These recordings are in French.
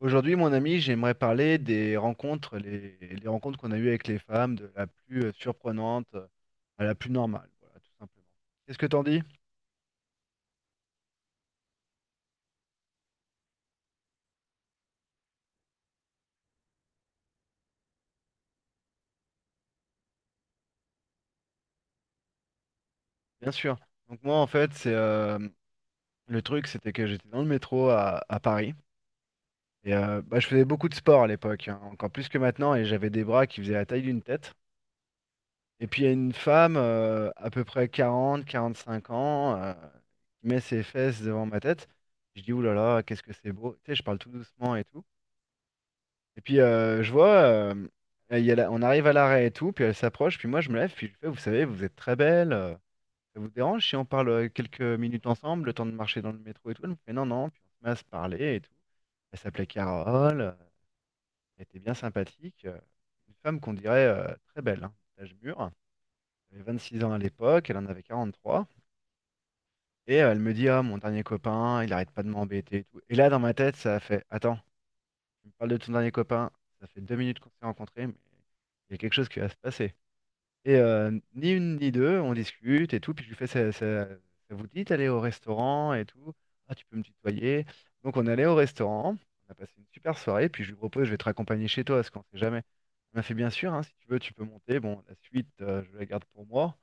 Aujourd'hui, mon ami, j'aimerais parler des rencontres, les rencontres qu'on a eues avec les femmes, de la plus surprenante à la plus normale, voilà, tout simplement. Qu'est-ce que t'en dis? Bien sûr. Donc moi, en fait, c'est le truc, c'était que j'étais dans le métro à Paris. Et bah, je faisais beaucoup de sport à l'époque, hein, encore plus que maintenant, et j'avais des bras qui faisaient la taille d'une tête. Et puis il y a une femme, à peu près 40, 45 ans, qui met ses fesses devant ma tête. Je dis, ouh là là, qu'est-ce que c'est beau. Tu sais, je parle tout doucement et tout. Et puis je vois, il y a la- on arrive à l'arrêt et tout, puis elle s'approche, puis moi je me lève, puis je lui fais, vous savez, vous êtes très belle, ça vous dérange si on parle quelques minutes ensemble, le temps de marcher dans le métro et tout? Elle me fait non, non, puis on se met à se parler et tout. Elle s'appelait Carole, elle était bien sympathique, une femme qu'on dirait très belle, hein, d'âge mûr. Elle avait 26 ans à l'époque, elle en avait 43. Et elle me dit, ah, mon dernier copain, il arrête pas de m'embêter et tout. Et là, dans ma tête, ça a fait, attends. Tu me parles de ton dernier copain, ça fait 2 minutes qu'on s'est rencontrés, mais il y a quelque chose qui va se passer. Et ni une ni deux, on discute et tout, puis je lui fais, ça vous dit d'aller au restaurant et tout? Ah, tu peux me tutoyer. Donc on est allé au restaurant, on a passé une super soirée, puis je lui propose, je vais te raccompagner chez toi, parce qu'on sait jamais. Il m'a fait bien sûr, hein, si tu veux, tu peux monter. Bon, la suite, je la garde pour moi,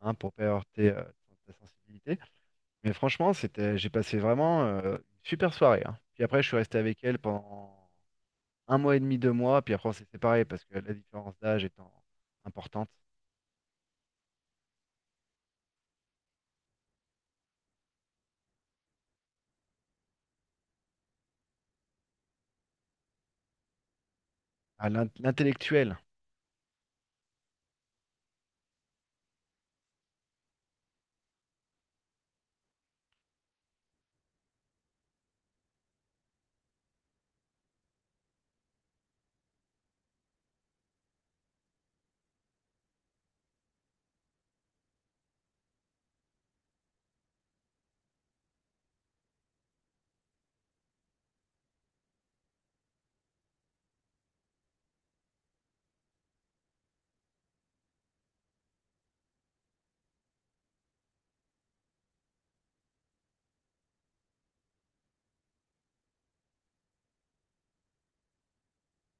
hein, pour pas heurter ta sensibilité. Mais franchement, j'ai passé vraiment une super soirée, hein. Puis après, je suis resté avec elle pendant un mois et demi, 2 mois, puis après on s'est séparés parce que la différence d'âge étant importante. Ah, l'intellectuel,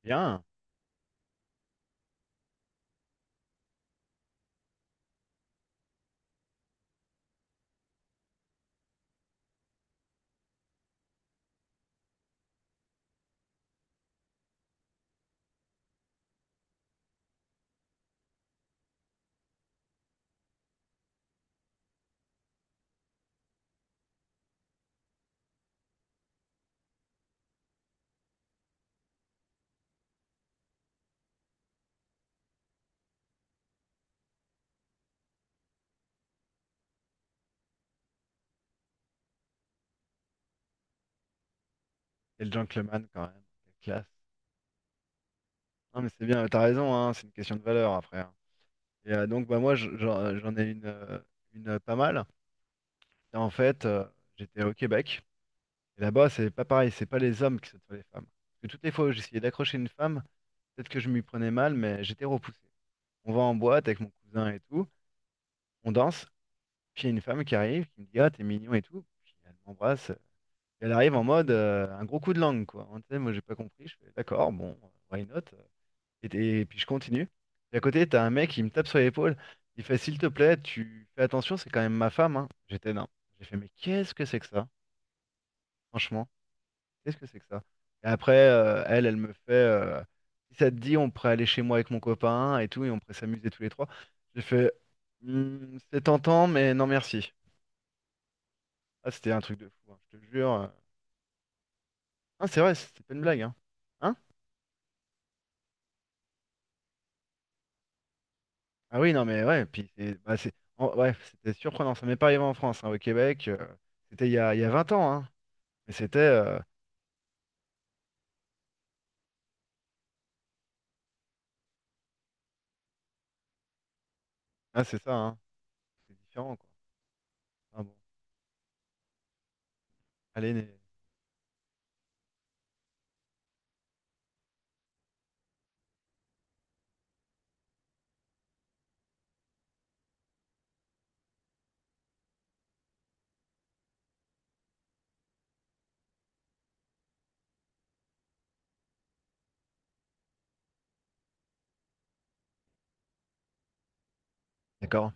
bien, et le gentleman quand même, quelle classe. Non mais c'est bien, t'as raison, hein, c'est une question de valeur après, hein. Et donc bah moi j'en ai une, pas mal. Et en fait, j'étais au Québec, et là-bas c'est pas pareil, c'est pas les hommes qui sautent sur les femmes. Parce que toutes les fois où j'essayais d'accrocher une femme, peut-être que je m'y prenais mal, mais j'étais repoussé. On va en boîte avec mon cousin et tout, on danse, puis il y a une femme qui arrive, qui me dit ah, t'es mignon et tout. Puis elle m'embrasse. Et elle arrive en mode un gros coup de langue, quoi. Hein, tu sais, moi, j'ai pas compris. Je fais d'accord, bon, why not? Et puis je continue. Et à côté, t'as un mec qui me tape sur l'épaule. Il fait, s'il te plaît, tu fais attention, c'est quand même ma femme, hein. J'étais non. J'ai fait, mais qu'est-ce que c'est que ça? Franchement, qu'est-ce que c'est que ça? Et après, elle me fait, si ça te dit, on pourrait aller chez moi avec mon copain et tout, et on pourrait s'amuser tous les trois. J'ai fait, hmm, c'est tentant, mais non merci. Ah, c'était un truc de fou, hein, je te jure. Ah, c'est vrai, c'était pas une blague, hein hein. Ah oui, non, mais ouais, puis c'est bah, c'est- en- ouais, c'était surprenant. Ça m'est pas arrivé en France, hein, au Québec. C'était il y a 20 ans, hein. Mais c'était. Ah, c'est ça, hein. C'est différent, quoi. Ah bon. Allez, d'accord.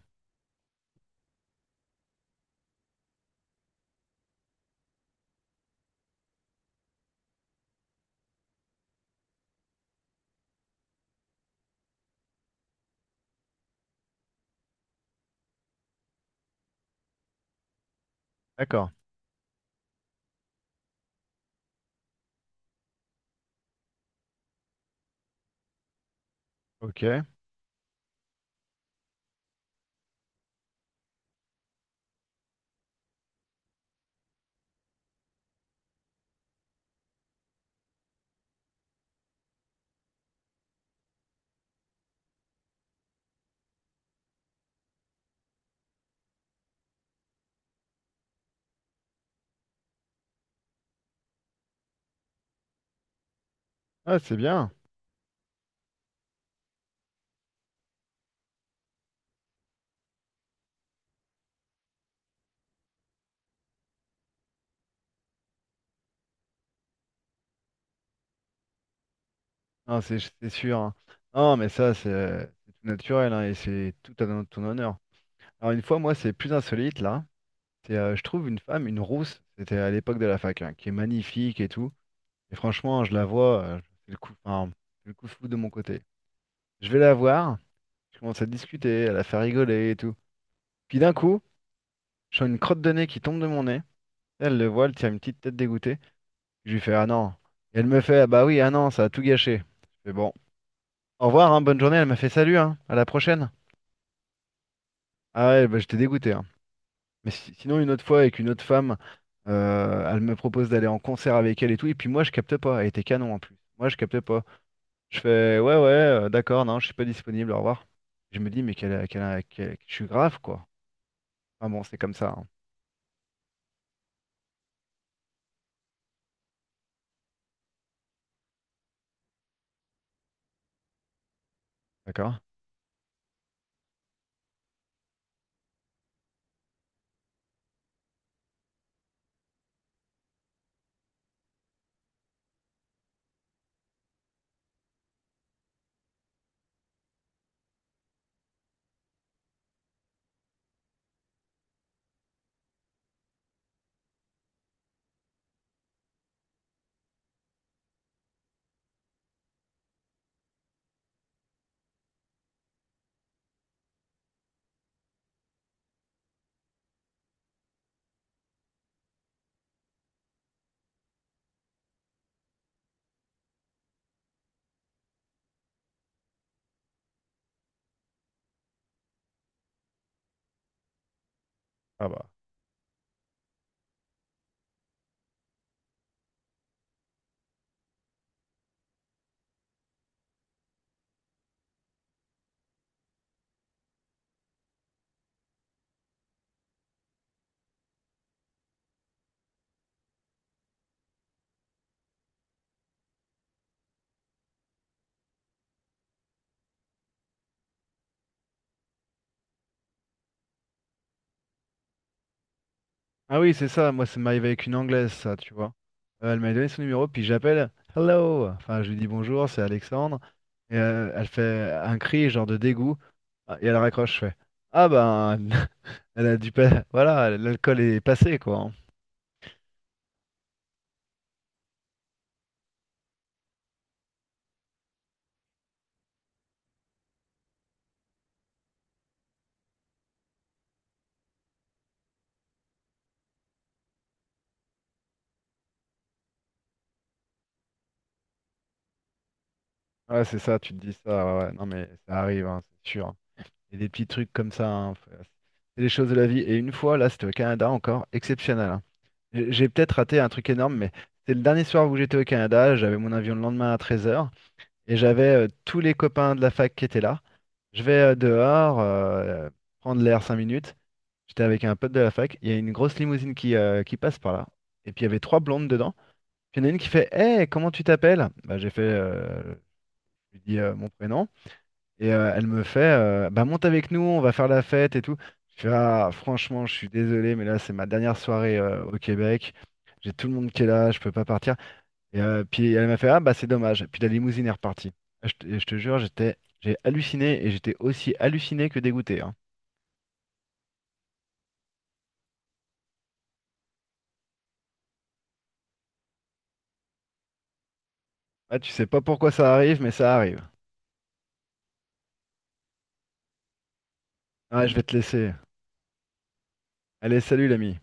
D'accord. Ok. Ah, c'est bien. Non, c'est sûr, hein. Non, mais ça, c'est tout naturel, hein, et c'est tout à ton honneur. Alors, une fois, moi, c'est plus insolite, là. Je trouve une femme, une rousse, c'était à l'époque de la fac, hein, qui est magnifique et tout. Et franchement, je la vois, enfin, c'est le coup de foudre de mon côté. Je vais la voir. Je commence à discuter, elle a fait rigoler et tout. Puis d'un coup, je sens une crotte de nez qui tombe de mon nez. Elle le voit, elle tire une petite tête dégoûtée. Je lui fais ah non. Et elle me fait ah bah oui, ah non, ça a tout gâché. Je fais bon, au revoir, hein, bonne journée. Elle m'a fait salut, hein, à la prochaine. Ah ouais, bah j'étais dégoûté, hein. Mais sinon, une autre fois, avec une autre femme, elle me propose d'aller en concert avec elle et tout. Et puis moi, je capte pas. Elle était canon en plus. Moi, je capte pas. Je fais ouais, ouais, d'accord, non, je suis pas disponible, au revoir. Je me dis mais je suis grave, quoi. Ah bon, c'est comme ça, hein. D'accord? Ah bah. Ah oui, c'est ça, moi ça m'arrive avec une Anglaise, ça, tu vois. Elle m'a donné son numéro, puis j'appelle hello! Enfin, je lui dis bonjour, c'est Alexandre. Et elle fait un cri, genre de dégoût, ah, et elle raccroche, je fais ah ben, elle a dû pas. Voilà, l'alcool est passé, quoi, hein. Ouais, c'est ça, tu te dis ça, ouais, ouais. Non, mais ça arrive, hein, c'est sûr. Et des petits trucs comme ça, hein, c'est les choses de la vie. Et une fois, là, c'était au Canada encore, exceptionnel, hein. J'ai peut-être raté un truc énorme, mais c'était le dernier soir où j'étais au Canada, j'avais mon avion le lendemain à 13 heures. Et j'avais tous les copains de la fac qui étaient là. Je vais dehors, prendre l'air 5 minutes. J'étais avec un pote de la fac. Il y a une grosse limousine qui passe par là. Et puis il y avait trois blondes dedans. Puis il y en a une qui fait hey, comment tu t'appelles? Bah, j'ai fait, je lui dis mon prénom. Et elle me fait bah, monte avec nous, on va faire la fête et tout. Je fais ah, franchement, je suis désolé, mais là, c'est ma dernière soirée au Québec. J'ai tout le monde qui est là, je peux pas partir. Et puis elle m'a fait, ah bah c'est dommage. Puis la limousine est repartie. Ah, je te jure, j'étais, j'ai halluciné et j'étais aussi halluciné que dégoûté, hein. Ah, tu sais pas pourquoi ça arrive, mais ça arrive. Ah, je vais te laisser. Allez, salut l'ami.